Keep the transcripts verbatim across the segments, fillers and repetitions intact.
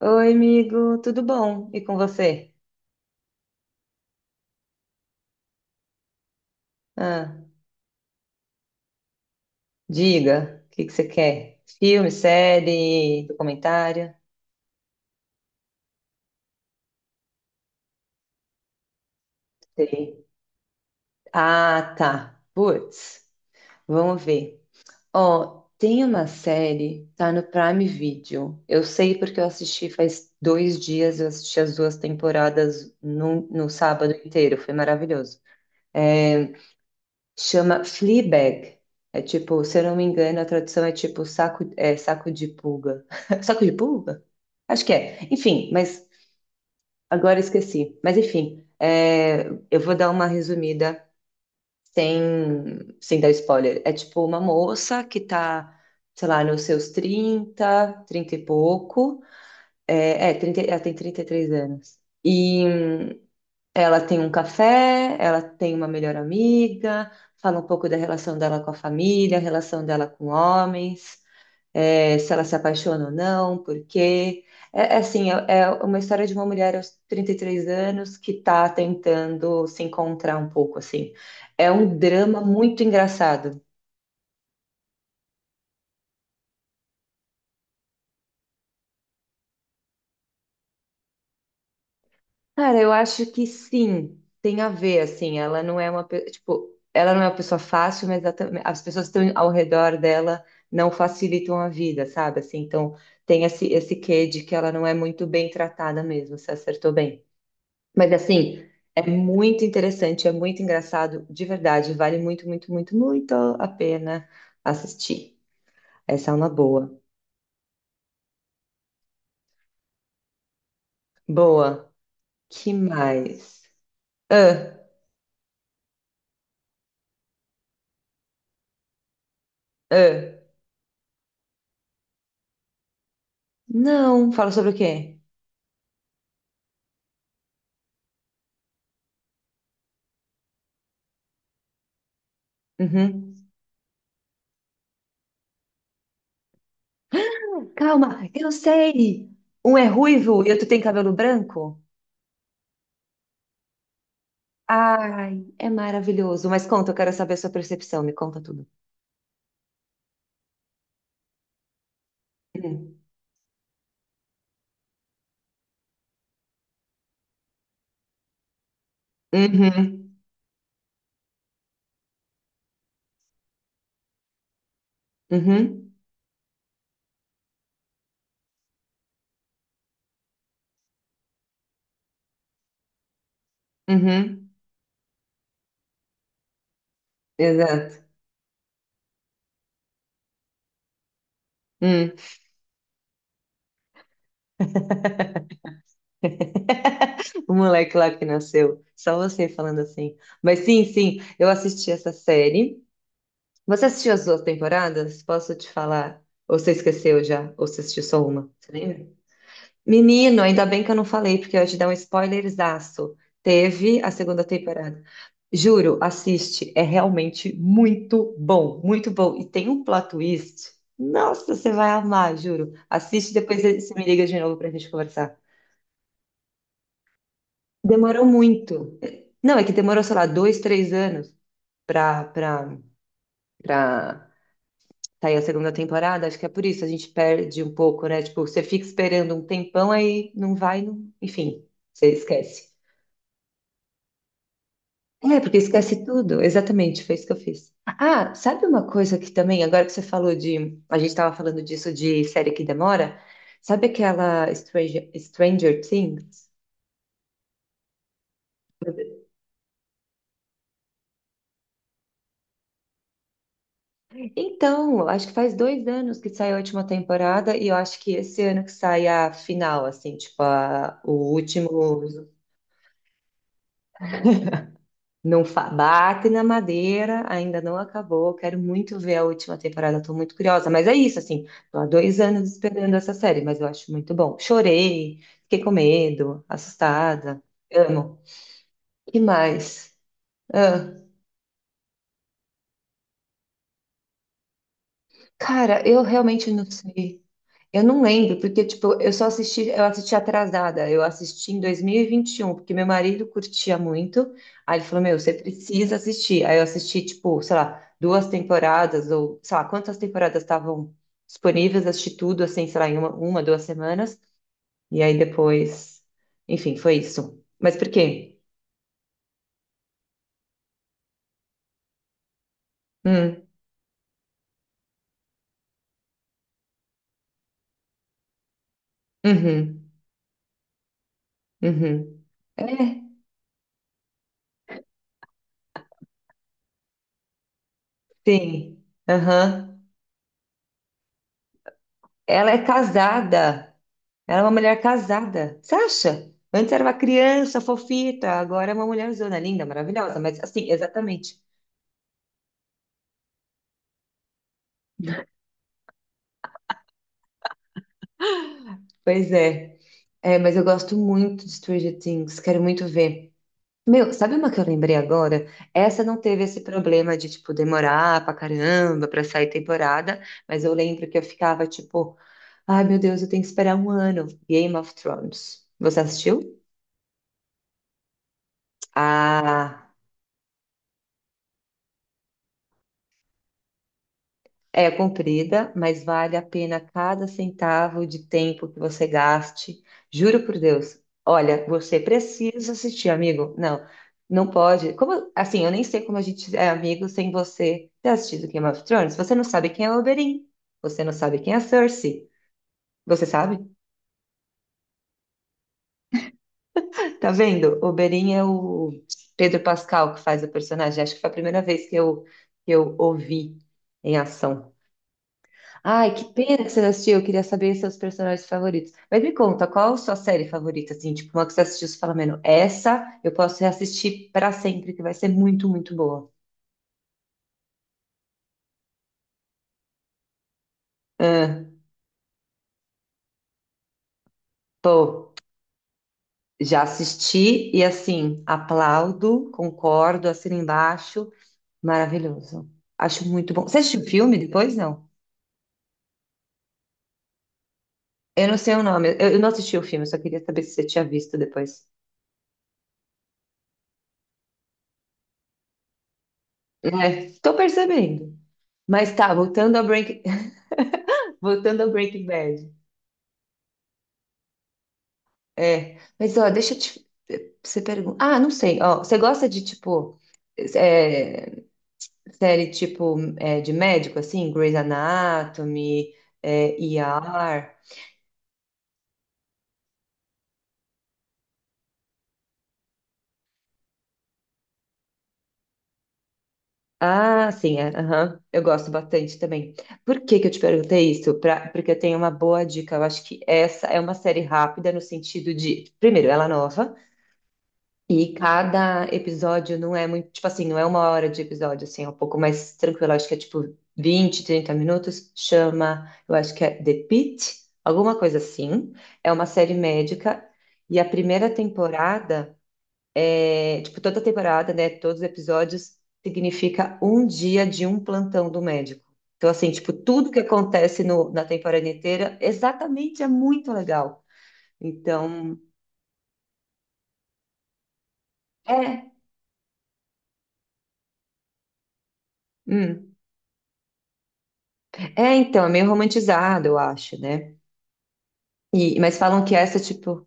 Oi, amigo, tudo bom? E com você? Ah, diga, o que que você quer? Filme, série, documentário? Sei. Ah, tá. Putz, vamos ver. Ó, tem uma série, tá no Prime Video. Eu sei porque eu assisti faz dois dias, eu assisti as duas temporadas no, no sábado inteiro, foi maravilhoso. É, Chama Fleabag. É tipo, se eu não me engano, a tradução é tipo saco, é, saco de pulga. Saco de pulga? Acho que é. Enfim, mas agora esqueci. Mas enfim, é, eu vou dar uma resumida sem, sem dar spoiler. É tipo uma moça que tá, sei lá, nos seus trinta trinta e pouco. É, é trinta, ela tem trinta e três anos. E ela tem um café, ela tem uma melhor amiga, fala um pouco da relação dela com a família, a relação dela com homens, eh, se ela se apaixona ou não, por quê. É, é assim, é, é uma história de uma mulher aos trinta e três anos que está tentando se encontrar um pouco, assim. É um drama muito engraçado. Cara, eu acho que sim, tem a ver, assim, ela não é uma, pe- tipo, ela não é uma pessoa fácil, mas ela tam- as pessoas que estão ao redor dela não facilitam a vida, sabe? Assim, então tem esse, esse quê de que ela não é muito bem tratada mesmo, você acertou bem. Mas assim, é muito interessante, é muito engraçado, de verdade, vale muito, muito, muito, muito a pena assistir. Essa é uma boa. Boa. Que mais? Ah, ah. Não, fala sobre o quê? Uhum. Calma, eu sei! Um é ruivo e outro tem cabelo branco? Ai, é maravilhoso. Mas conta, eu quero saber a sua percepção. Me conta tudo. Hum. Uhum, uhum, uhum. Exato. Hum. O moleque lá que nasceu. Só você falando assim. Mas sim, sim, eu assisti essa série. Você assistiu as duas temporadas? Posso te falar? Ou você esqueceu já? Ou você assistiu só uma? Você lembra? Menino, ainda bem que eu não falei, porque eu ia te dar um spoilerzaço. Teve a segunda temporada. Juro, assiste, é realmente muito bom, muito bom. E tem um plot twist. Nossa, você vai amar, juro. Assiste, depois você me liga de novo pra gente conversar. Demorou muito. Não, é que demorou, sei lá, dois, três anos pra, pra, pra sair a segunda temporada. Acho que é por isso, a gente perde um pouco, né? Tipo, você fica esperando um tempão, aí não vai, não... enfim, você esquece. É, porque esquece tudo. Exatamente, foi isso que eu fiz. Ah, sabe uma coisa que também, agora que você falou de. A gente estava falando disso de série que demora. Sabe aquela Stranger, Stranger Things? Então, eu acho que faz dois anos que saiu a última temporada e eu acho que esse ano que sai a final, assim, tipo, a, o último. Não fa- Bate na madeira, ainda não acabou. Quero muito ver a última temporada, estou muito curiosa. Mas é isso, assim, tô há dois anos esperando essa série, mas eu acho muito bom. Chorei, fiquei com medo, assustada. Amo. Que mais? Ah, cara, eu realmente não sei. Eu não lembro, porque, tipo, eu só assisti, eu assisti atrasada. Eu assisti em dois mil e e vinte e um porque meu marido curtia muito. Aí ele falou, meu, você precisa assistir. Aí eu assisti, tipo, sei lá, duas temporadas, ou sei lá, quantas temporadas estavam disponíveis, assisti tudo, assim, sei lá, em uma, uma, duas semanas. E aí depois, enfim, foi isso. Mas por quê? Hum, uhum, uhum. É, sim, aham. Ela é casada. Ela é uma mulher casada. Você acha? Antes era uma criança fofita, agora é uma mulherzona linda, maravilhosa. Mas assim, exatamente. Pois é. É, mas eu gosto muito de Stranger Things, quero muito ver. Meu, sabe uma que eu lembrei agora? Essa não teve esse problema de, tipo, demorar pra caramba pra sair temporada, mas eu lembro que eu ficava, tipo, ai meu Deus, eu tenho que esperar um ano. Game of Thrones. Você assistiu? Ah. É comprida, mas vale a pena cada centavo de tempo que você gaste. Juro por Deus. Olha, você precisa assistir, amigo. Não, não pode. Como assim? Eu nem sei como a gente é amigo sem você ter assistido Game of Thrones. Você não sabe quem é o Oberyn. Você não sabe quem é a Cersei. Você sabe? Tá vendo? O Oberyn é o Pedro Pascal que faz o personagem. Acho que foi a primeira vez que eu, que eu ouvi em ação. Ai, que pena que você não assistiu. Eu queria saber seus personagens favoritos. Mas me conta, qual a sua série favorita, assim? Tipo, uma que você assistiu, você fala, mano, essa eu posso reassistir pra sempre, que vai ser muito, muito boa. Ah, pô, já assisti e, assim, aplaudo, concordo, assino embaixo. Maravilhoso. Acho muito bom. Você assistiu o filme depois? Não. Eu não sei o nome. Eu, eu não assisti o filme, eu só queria saber se você tinha visto depois. É, tô percebendo. Mas tá, voltando ao Break... voltando ao Breaking Bad. É, mas ó, deixa eu te. eh, Você pergunta. Ah, não sei. Ó, você gosta de tipo é, série tipo é, de médico assim, Grey's Anatomy, é, E R? Ah, sim, é, aham. Eu gosto bastante também. Por que que eu te perguntei isso? Pra, porque eu tenho uma boa dica. Eu acho que essa é uma série rápida no sentido de, primeiro, ela é nova. E cada episódio não é muito, tipo assim, não é uma hora de episódio, assim, é um pouco mais tranquilo. Acho que é tipo vinte trinta minutos. Chama, eu acho que é The Pitt, alguma coisa assim. É uma série médica. E a primeira temporada é, tipo, toda temporada, né? Todos os episódios significa um dia de um plantão do médico. Então, assim, tipo, tudo que acontece no- na temporada inteira, exatamente, é muito legal. Então, é. Hum. É, então, é meio romantizado, eu acho, né? E, mas falam que essa, tipo,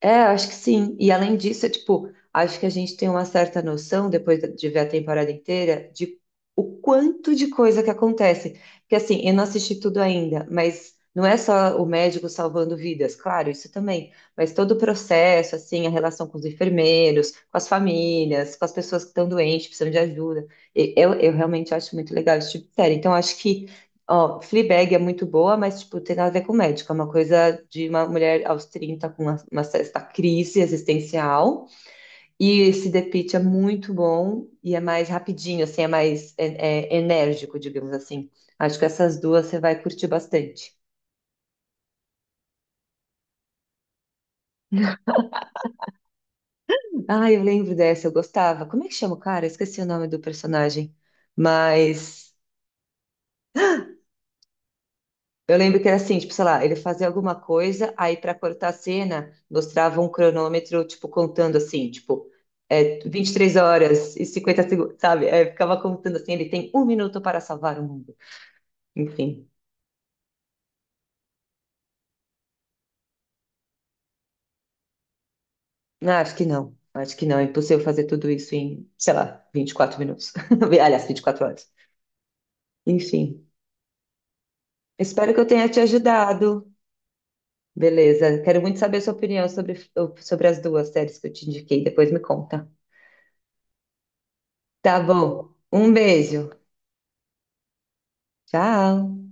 é, eu acho que sim. E além disso, é, tipo, acho que a gente tem uma certa noção, depois de ver a temporada inteira, de o quanto de coisa que acontece. Porque, assim, eu não assisti tudo ainda, mas não é só o médico salvando vidas, claro, isso também. Mas todo o processo, assim, a relação com os enfermeiros, com as famílias, com as pessoas que estão doentes, precisando de ajuda. E- Eu, eu realmente acho muito legal esse tipo de série. Então, acho que. Ó, Fleabag é muito boa, mas, tipo, tem nada a ver com médico. É uma coisa de uma mulher aos trinta com uma, uma certa crise existencial. E esse The Pitt é muito bom e é mais rapidinho, assim, é mais é, é, enérgico, digamos assim. Acho que essas duas você vai curtir bastante. Ah, eu lembro dessa, eu gostava. Como é que chama o cara? Eu esqueci o nome do personagem. Mas eu lembro que era assim, tipo, sei lá, ele fazia alguma coisa, aí para cortar a cena, mostrava um cronômetro, tipo, contando assim, tipo, é, vinte e três horas e cinquenta segundos, sabe? É, ficava contando assim, ele tem um minuto para salvar o mundo. Enfim, ah, acho que não, acho que não, é impossível fazer tudo isso em, sei lá, vinte e quatro minutos. Aliás, vinte e quatro horas. Enfim, espero que eu tenha te ajudado. Beleza, quero muito saber a sua opinião sobre, sobre, as duas séries que eu te indiquei, depois me conta. Tá bom, um beijo. Tchau!